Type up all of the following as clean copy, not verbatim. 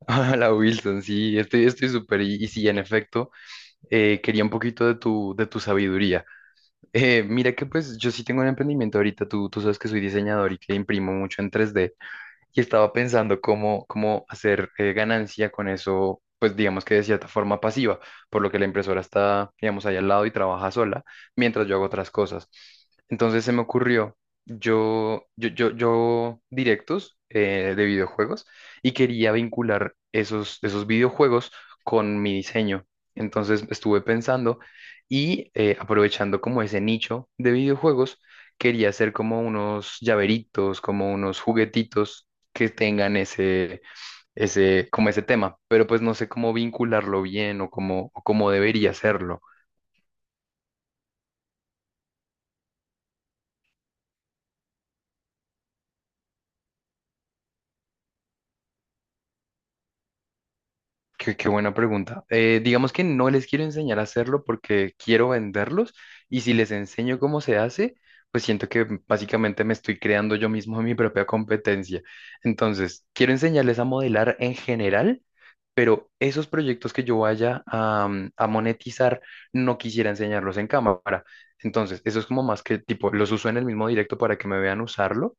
la Wilson, sí, estoy súper. Y sí, en efecto, quería un poquito de tu sabiduría. Mira que pues yo sí tengo un emprendimiento ahorita, tú sabes que soy diseñador y que imprimo mucho en 3D, y estaba pensando cómo hacer ganancia con eso, pues digamos que de cierta forma pasiva, por lo que la impresora está, digamos, ahí al lado y trabaja sola, mientras yo hago otras cosas. Entonces se me ocurrió, yo directos de videojuegos, y quería vincular esos videojuegos con mi diseño. Entonces estuve pensando, y aprovechando como ese nicho de videojuegos, quería hacer como unos llaveritos, como unos juguetitos que tengan como ese tema. Pero pues no sé cómo vincularlo bien, o cómo debería hacerlo. Qué buena pregunta. Digamos que no les quiero enseñar a hacerlo porque quiero venderlos, y si les enseño cómo se hace, pues siento que básicamente me estoy creando yo mismo mi propia competencia. Entonces, quiero enseñarles a modelar en general, pero esos proyectos que yo vaya a monetizar, no quisiera enseñarlos en cámara. Entonces, eso es como más que tipo, los uso en el mismo directo para que me vean usarlo,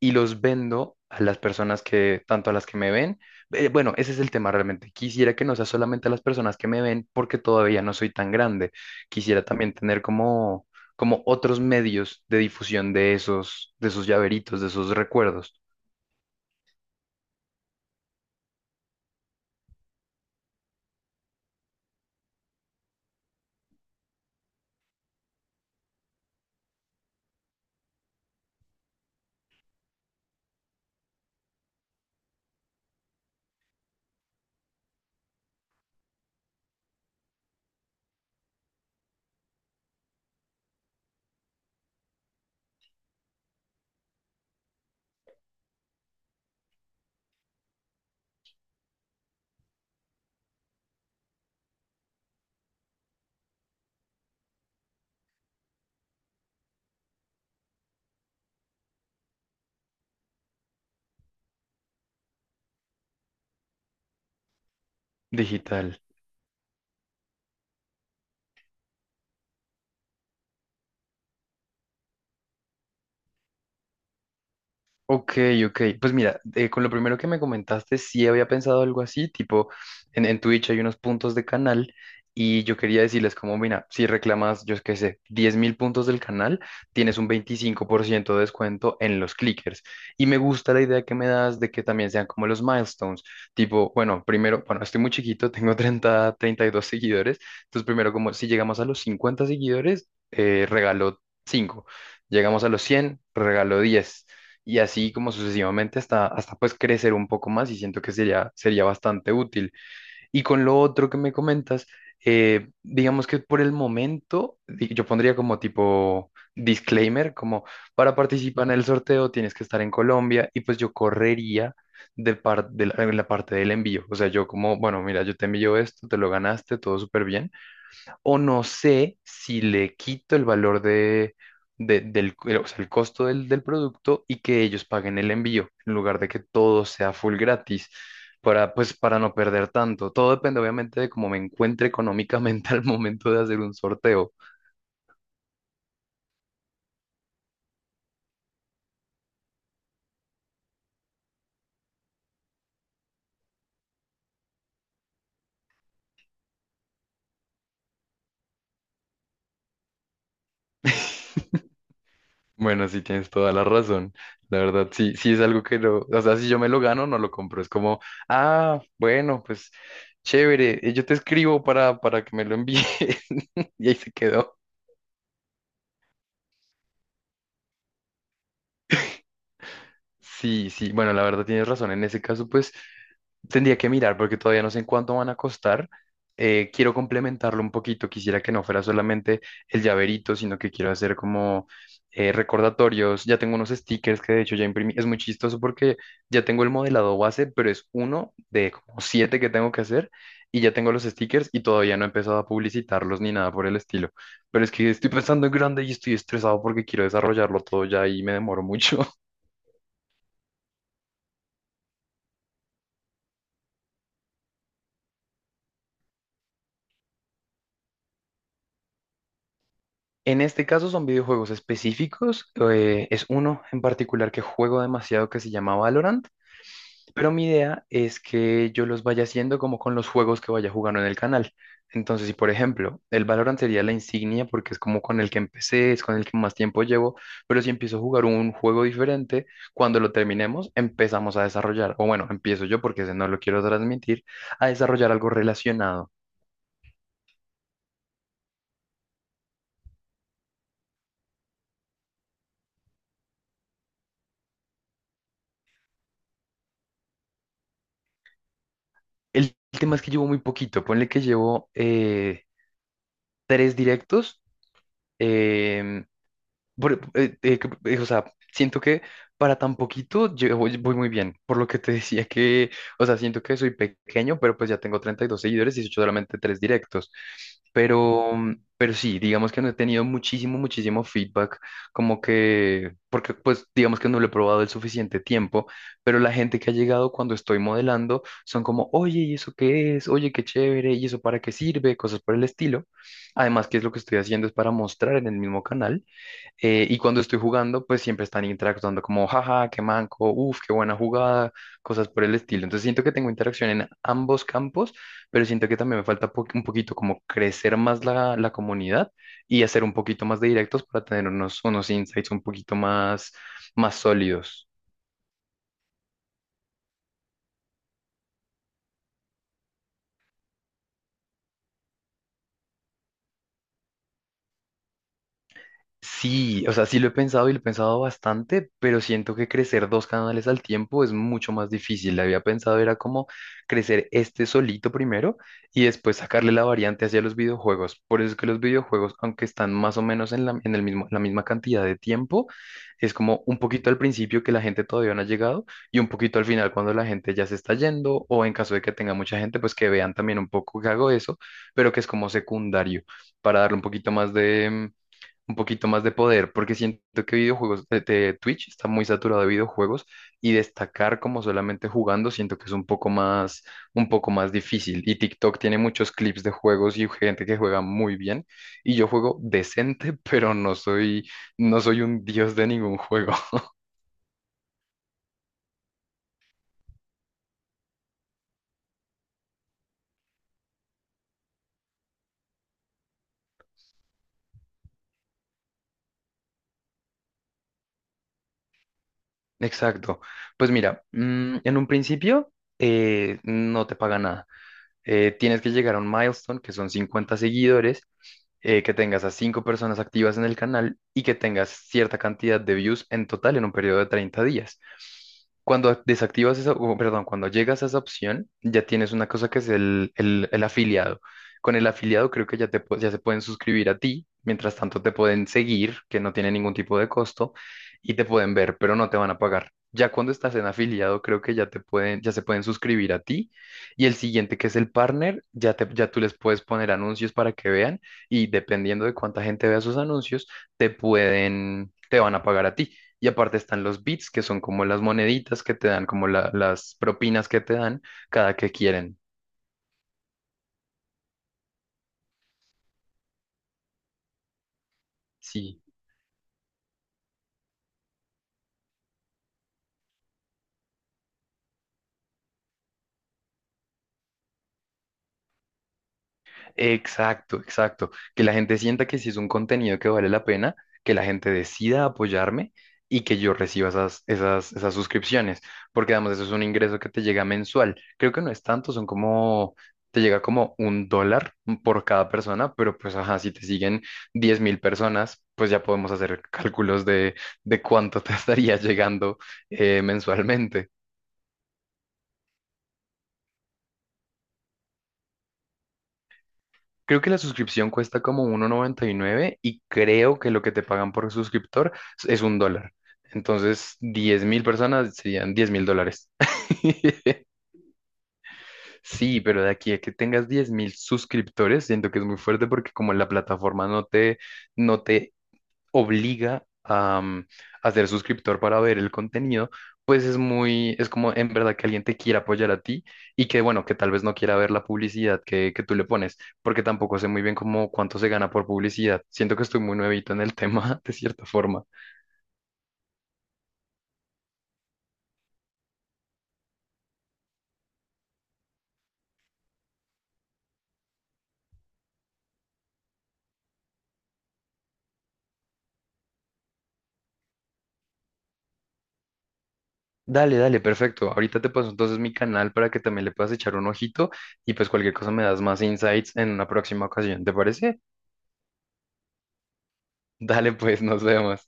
y los vendo a las personas que, tanto a las que me ven, bueno, ese es el tema realmente. Quisiera que no sea solamente las personas que me ven porque todavía no soy tan grande. Quisiera también tener como otros medios de difusión de esos llaveritos, de esos recuerdos. Digital. Ok, ok. Pues mira, con lo primero que me comentaste, sí había pensado algo así, tipo, en Twitch hay unos puntos de canal, y yo quería decirles como, mira, si reclamas, yo qué sé, 10.000 puntos del canal, tienes un 25% de descuento en los clickers. Y me gusta la idea que me das de que también sean como los milestones, tipo, bueno, primero, bueno, estoy muy chiquito, tengo 32 seguidores. Entonces primero, como si llegamos a los 50 seguidores, regalo 5. Llegamos a los 100, regalo 10, y así como sucesivamente hasta pues crecer un poco más, y siento que sería bastante útil. Y con lo otro que me comentas, digamos que por el momento yo pondría como tipo disclaimer, como para participar en el sorteo tienes que estar en Colombia, y pues yo correría. De, par- de la, en la parte del envío, o sea, yo como, bueno, mira, yo te envío esto, te lo ganaste, todo súper bien. O no sé si le quito el valor de, de- del, o sea, el costo del producto, y que ellos paguen el envío, en lugar de que todo sea full gratis, para, pues, para no perder tanto. Todo depende, obviamente, de cómo me encuentre económicamente al momento de hacer un sorteo. Bueno, sí tienes toda la razón. La verdad, sí, sí es algo que no, o sea, si yo me lo gano, no lo compro. Es como, ah, bueno, pues chévere, yo te escribo para que me lo envíes. Y ahí se quedó. Sí, sí, bueno, la verdad tienes razón. En ese caso, pues tendría que mirar porque todavía no sé en cuánto van a costar. Quiero complementarlo un poquito. Quisiera que no fuera solamente el llaverito, sino que quiero hacer como recordatorios. Ya tengo unos stickers que de hecho ya imprimí. Es muy chistoso porque ya tengo el modelado base, pero es uno de como siete que tengo que hacer, y ya tengo los stickers y todavía no he empezado a publicitarlos ni nada por el estilo. Pero es que estoy pensando en grande y estoy estresado porque quiero desarrollarlo todo ya, y me demoro mucho. En este caso son videojuegos específicos. Es uno en particular que juego demasiado, que se llama Valorant, pero mi idea es que yo los vaya haciendo como con los juegos que vaya jugando en el canal. Entonces, si por ejemplo, el Valorant sería la insignia porque es como con el que empecé, es con el que más tiempo llevo. Pero si empiezo a jugar un juego diferente, cuando lo terminemos, empezamos a desarrollar, o bueno, empiezo yo porque ese no lo quiero transmitir, a desarrollar algo relacionado. El tema es que llevo muy poquito, ponle que llevo... tres directos, em, o sea, siento que para tan poquito yo voy muy bien, por lo que te decía que, o sea, siento que soy pequeño, pero pues ya tengo 32 seguidores y he hecho solamente tres directos. Pero sí, digamos que no he tenido muchísimo, muchísimo feedback, como que, porque pues digamos que no lo he probado el suficiente tiempo, pero la gente que ha llegado cuando estoy modelando son como, oye, ¿y eso qué es? Oye, qué chévere, ¿y eso para qué sirve? Cosas por el estilo. Además, que es lo que estoy haciendo es para mostrar en el mismo canal, y cuando estoy jugando, pues siempre están interactuando como, jaja, qué manco, uff, qué buena jugada, cosas por el estilo. Entonces siento que tengo interacción en ambos campos, pero siento que también me falta un poquito como crecer más la comunidad, y hacer un poquito más de directos para tener unos insights un poquito más, más sólidos. Sí, o sea, sí lo he pensado y lo he pensado bastante, pero siento que crecer dos canales al tiempo es mucho más difícil. Había pensado era como crecer este solito primero y después sacarle la variante hacia los videojuegos. Por eso es que los videojuegos, aunque están más o menos en la, en el mismo, la misma cantidad de tiempo, es como un poquito al principio que la gente todavía no ha llegado, y un poquito al final cuando la gente ya se está yendo, o en caso de que tenga mucha gente, pues que vean también un poco que hago eso, pero que es como secundario para darle un poquito más de poder, porque siento que videojuegos de Twitch está muy saturado de videojuegos, y destacar como solamente jugando, siento que es un poco más difícil. Y TikTok tiene muchos clips de juegos y gente que juega muy bien, y yo juego decente, pero no soy un dios de ningún juego. Exacto. Pues mira, en un principio, no te paga nada. Tienes que llegar a un milestone, que son 50 seguidores, que tengas a 5 personas activas en el canal, y que tengas cierta cantidad de views en total en un periodo de 30 días. Cuando desactivas esa, o, perdón, cuando llegas a esa opción, ya tienes una cosa que es el afiliado. Con el afiliado creo que ya, ya se pueden suscribir a ti. Mientras tanto, te pueden seguir, que no tiene ningún tipo de costo, y te pueden ver, pero no te van a pagar. Ya cuando estás en afiliado, creo que ya ya se pueden suscribir a ti, y el siguiente, que es el partner, ya, ya tú les puedes poner anuncios para que vean. Y dependiendo de cuánta gente vea sus anuncios, te van a pagar a ti. Y aparte están los bits, que son como las moneditas que te dan, como las propinas que te dan cada que quieren. Sí. Exacto, exacto. Que la gente sienta que si es un contenido que vale la pena, que la gente decida apoyarme, y que yo reciba esas suscripciones, porque además eso es un ingreso que te llega mensual. Creo que no es tanto, son como, te llega como $1 por cada persona, pero pues, ajá, si te siguen 10.000 personas, pues ya podemos hacer cálculos de cuánto te estaría llegando, mensualmente. Creo que la suscripción cuesta como 1,99, y creo que lo que te pagan por suscriptor es $1. Entonces, 10.000 personas serían $10.000. Sí, pero de aquí a que tengas 10.000 suscriptores, siento que es muy fuerte porque como la plataforma no te obliga a ser suscriptor para ver el contenido, pues es muy, es como en verdad que alguien te quiera apoyar a ti, y que bueno, que tal vez no quiera ver la publicidad que tú le pones, porque tampoco sé muy bien cómo cuánto se gana por publicidad. Siento que estoy muy nuevito en el tema, de cierta forma. Dale, dale, perfecto. Ahorita te paso entonces mi canal para que también le puedas echar un ojito, y pues cualquier cosa me das más insights en una próxima ocasión, ¿te parece? Dale, pues nos vemos.